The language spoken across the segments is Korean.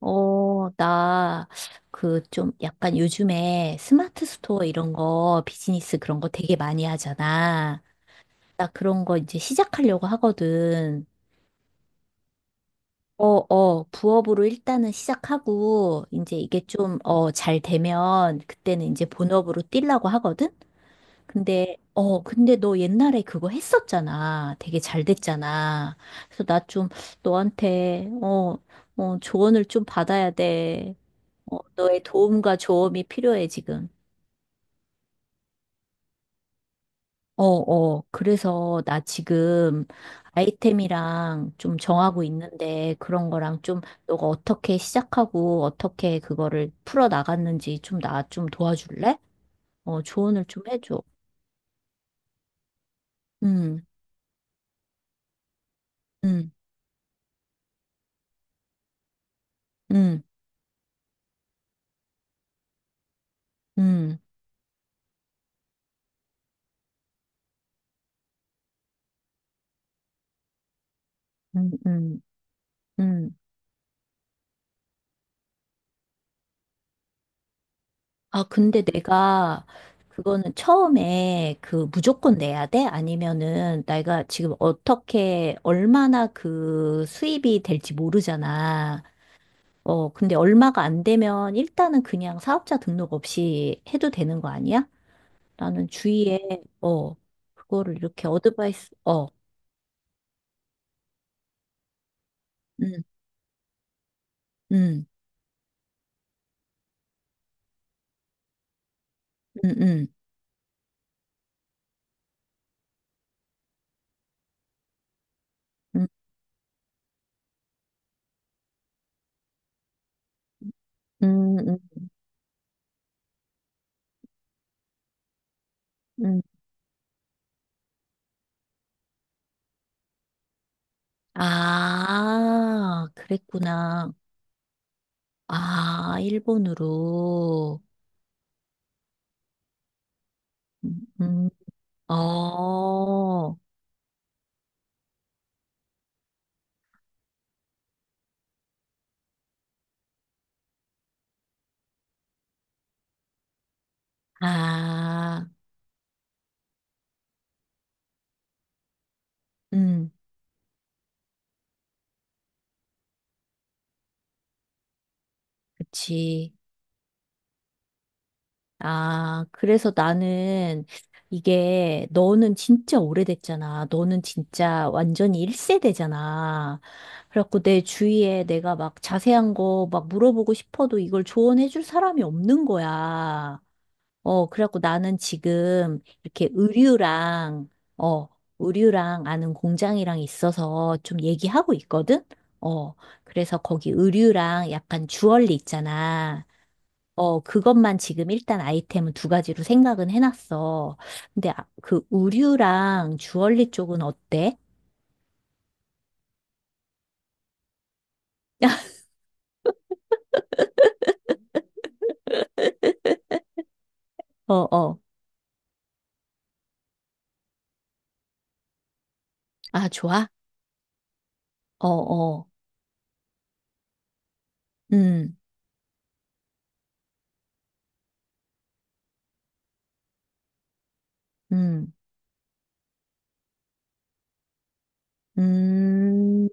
나, 그, 좀, 약간 요즘에 스마트 스토어 이런 거, 비즈니스 그런 거 되게 많이 하잖아. 나 그런 거 이제 시작하려고 하거든. 부업으로 일단은 시작하고, 이제 이게 좀, 잘 되면, 그때는 이제 본업으로 뛰려고 하거든? 근데, 근데 너 옛날에 그거 했었잖아. 되게 잘 됐잖아. 그래서 나 좀 너한테, 조언을 좀 받아야 돼. 어, 너의 도움과 조언이 필요해, 지금. 어, 어. 그래서 나 지금 아이템이랑 좀 정하고 있는데 그런 거랑 좀 너가 어떻게 시작하고 어떻게 그거를 풀어 나갔는지 좀 나 좀 도와줄래? 조언을 좀 해줘. 음, 음, 음, 음, 음, 음. 음. 아, 근데 내가 그거는 처음에 그 무조건 내야 돼? 아니면은 내가 지금 어떻게 얼마나 그 수입이 될지 모르잖아. 근데 얼마가 안 되면 일단은 그냥 사업자 등록 없이 해도 되는 거 아니야? 나는 주위에 어, 그거를 이렇게 어드바이스 어. 음. 음. 음. 음. 음. 음. 음. 음. 아, 그랬구나. 아, 일본으로. 음, 어, 아, 음, 그치. 아, 그래서 나는 이게 너는 진짜 오래됐잖아. 너는 진짜 완전히 1세대잖아. 그래갖고 내 주위에 내가 막 자세한 거 막 물어보고 싶어도 이걸 조언해줄 사람이 없는 거야. 그래갖고 나는 지금 이렇게 의류랑, 어, 의류랑 아는 공장이랑 있어서 좀 얘기하고 있거든? 어, 그래서 거기 의류랑 약간 주얼리 있잖아. 그것만 지금 일단 아이템은 두 가지로 생각은 해놨어. 근데 아, 그 의류랑 주얼리 쪽은 어때? 어, 어. 아, 좋아? 어, 어. 음, 음, 음,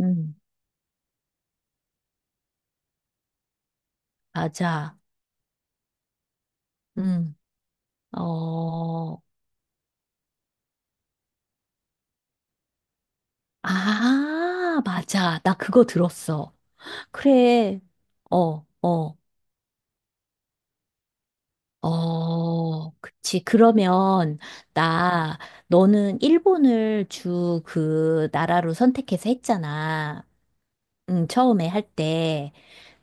음. 맞아. 음. 어, 아, 맞아. 나 그거 들었어. 그래. 어, 어, 그치. 그러면, 나, 너는 일본을 주 그 나라로 선택해서 했잖아. 응, 처음에 할 때.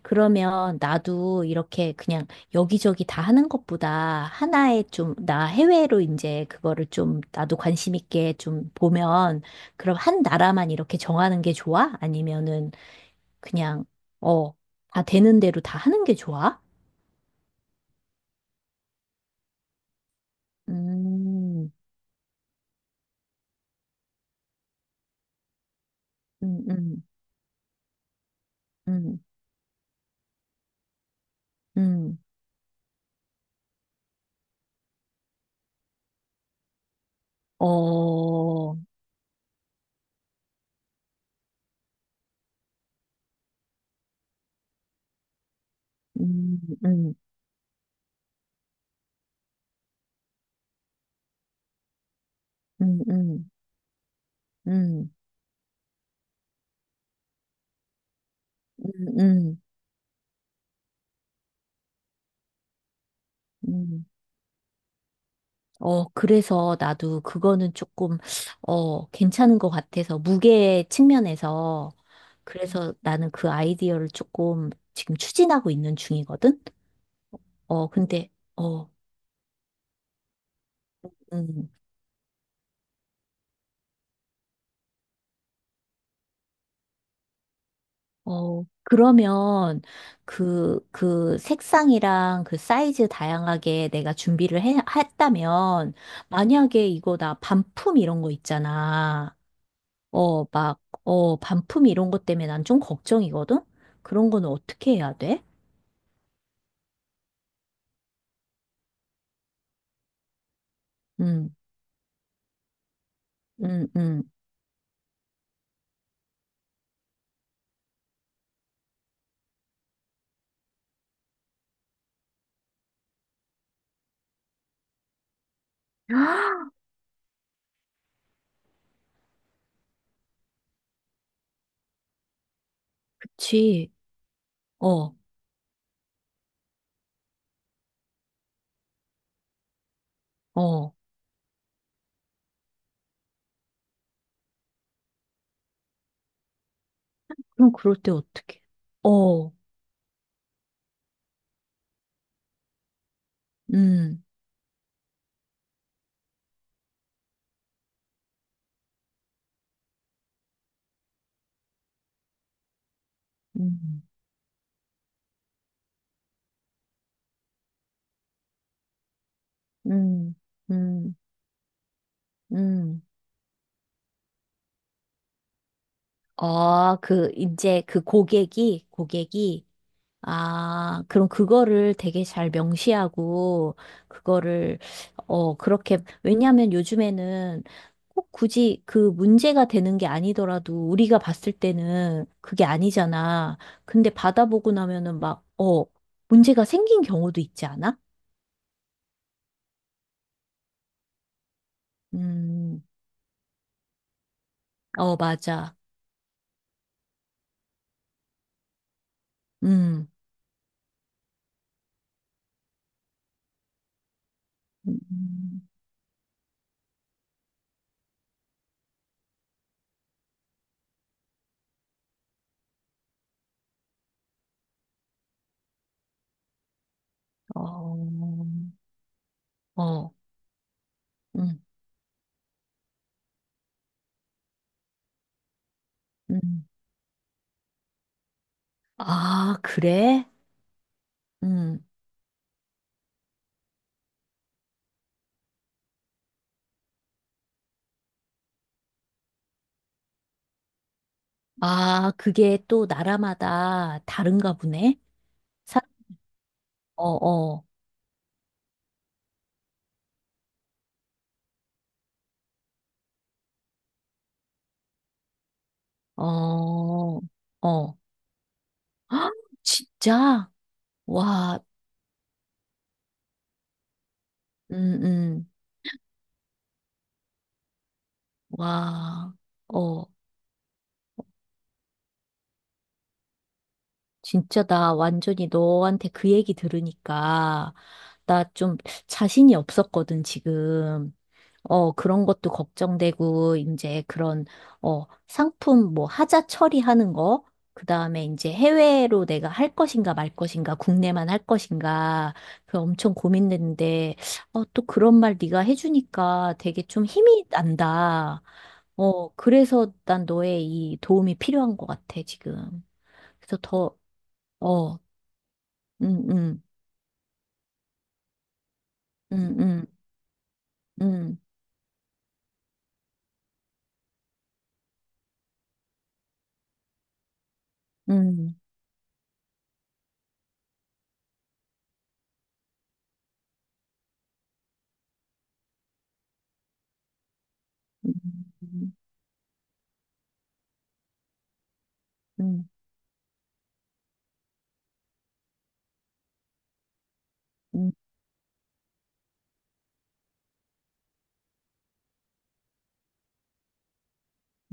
그러면 나도 이렇게 그냥 여기저기 다 하는 것보다 하나에 좀, 나 해외로 이제 그거를 좀 나도 관심 있게 좀 보면, 그럼 한 나라만 이렇게 정하는 게 좋아? 아니면은 그냥, 어, 다 되는 대로 다 하는 게 좋아? 음, 음, 음, 음, 음, 어, 음, 음, 음, 음, 음, 음, 음. 어, 그래서 나도 그거는 조금, 괜찮은 것 같아서, 무게 측면에서. 그래서 나는 그 아이디어를 조금 지금 추진하고 있는 중이거든? 근데, 어, 음. 그러면 그, 그 색상이랑 그 사이즈 다양하게 내가 준비를 해, 했다면, 만약에 이거 나 반품 이런 거 있잖아. 막, 반품 이런 것 때문에 난 좀 걱정이거든? 그런 거는 어떻게 해야 돼? 음, 음, 음. 아, 그치. 어, 어. 그럼 그럴 때 어떻게? 어, 음, 음, 음, 음, 음. 아, 그, 이제 그 고객이, 고객이, 아, 그럼 그거를 되게 잘 명시하고, 그거를, 그렇게, 왜냐하면 요즘에는 꼭 굳이 그 문제가 되는 게 아니더라도 우리가 봤을 때는 그게 아니잖아. 근데 받아보고 나면은 막, 문제가 생긴 경우도 있지 않아? 음, 어, 맞아. 음, 음, 어, 어, 음, 음. 아, 그래? 음. 아, 그게 또 나라마다 다른가 보네? 사, 어, 어, 어, 어. 헉, 진짜? 와, 음, 음, 와, 어. 진짜 나 완전히 너한테 그 얘기 들으니까 나 좀 자신이 없었거든, 지금. 그런 것도 걱정되고, 이제 그런, 상품 뭐 하자 처리하는 거, 그 다음에 이제 해외로 내가 할 것인가 말 것인가, 국내만 할 것인가, 그 엄청 고민됐는데, 또 그런 말 네가 해주니까 되게 좀 힘이 난다. 그래서 난 너의 이 도움이 필요한 것 같아, 지금. 그래서 더, 어, 음, 음, 음, 음, 음, 음, 음, 음, 음,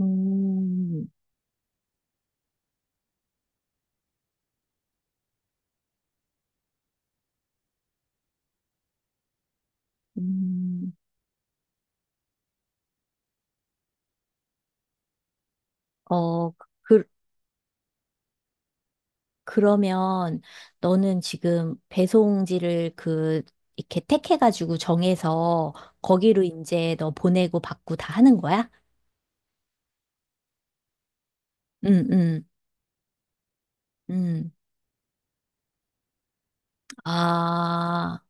음. 음, 어, 그, 그러면 너는 지금 배송지를 그, 이렇게 택해가지고 정해서 거기로 이제 너 보내고 받고 다 하는 거야? 응, 응, 응. 아,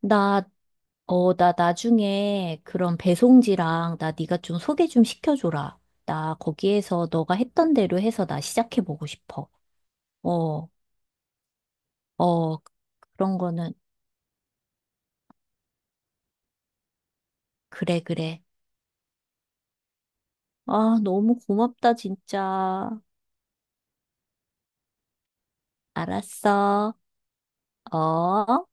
나, 나 나중에 그런 배송지랑 나 네가 좀 소개 좀 시켜줘라. 나 거기에서 너가 했던 대로 해서 나 시작해보고 싶어. 어, 어, 그런 거는, 그래, 그래. 아, 너무 고맙다, 진짜. 알았어. 어?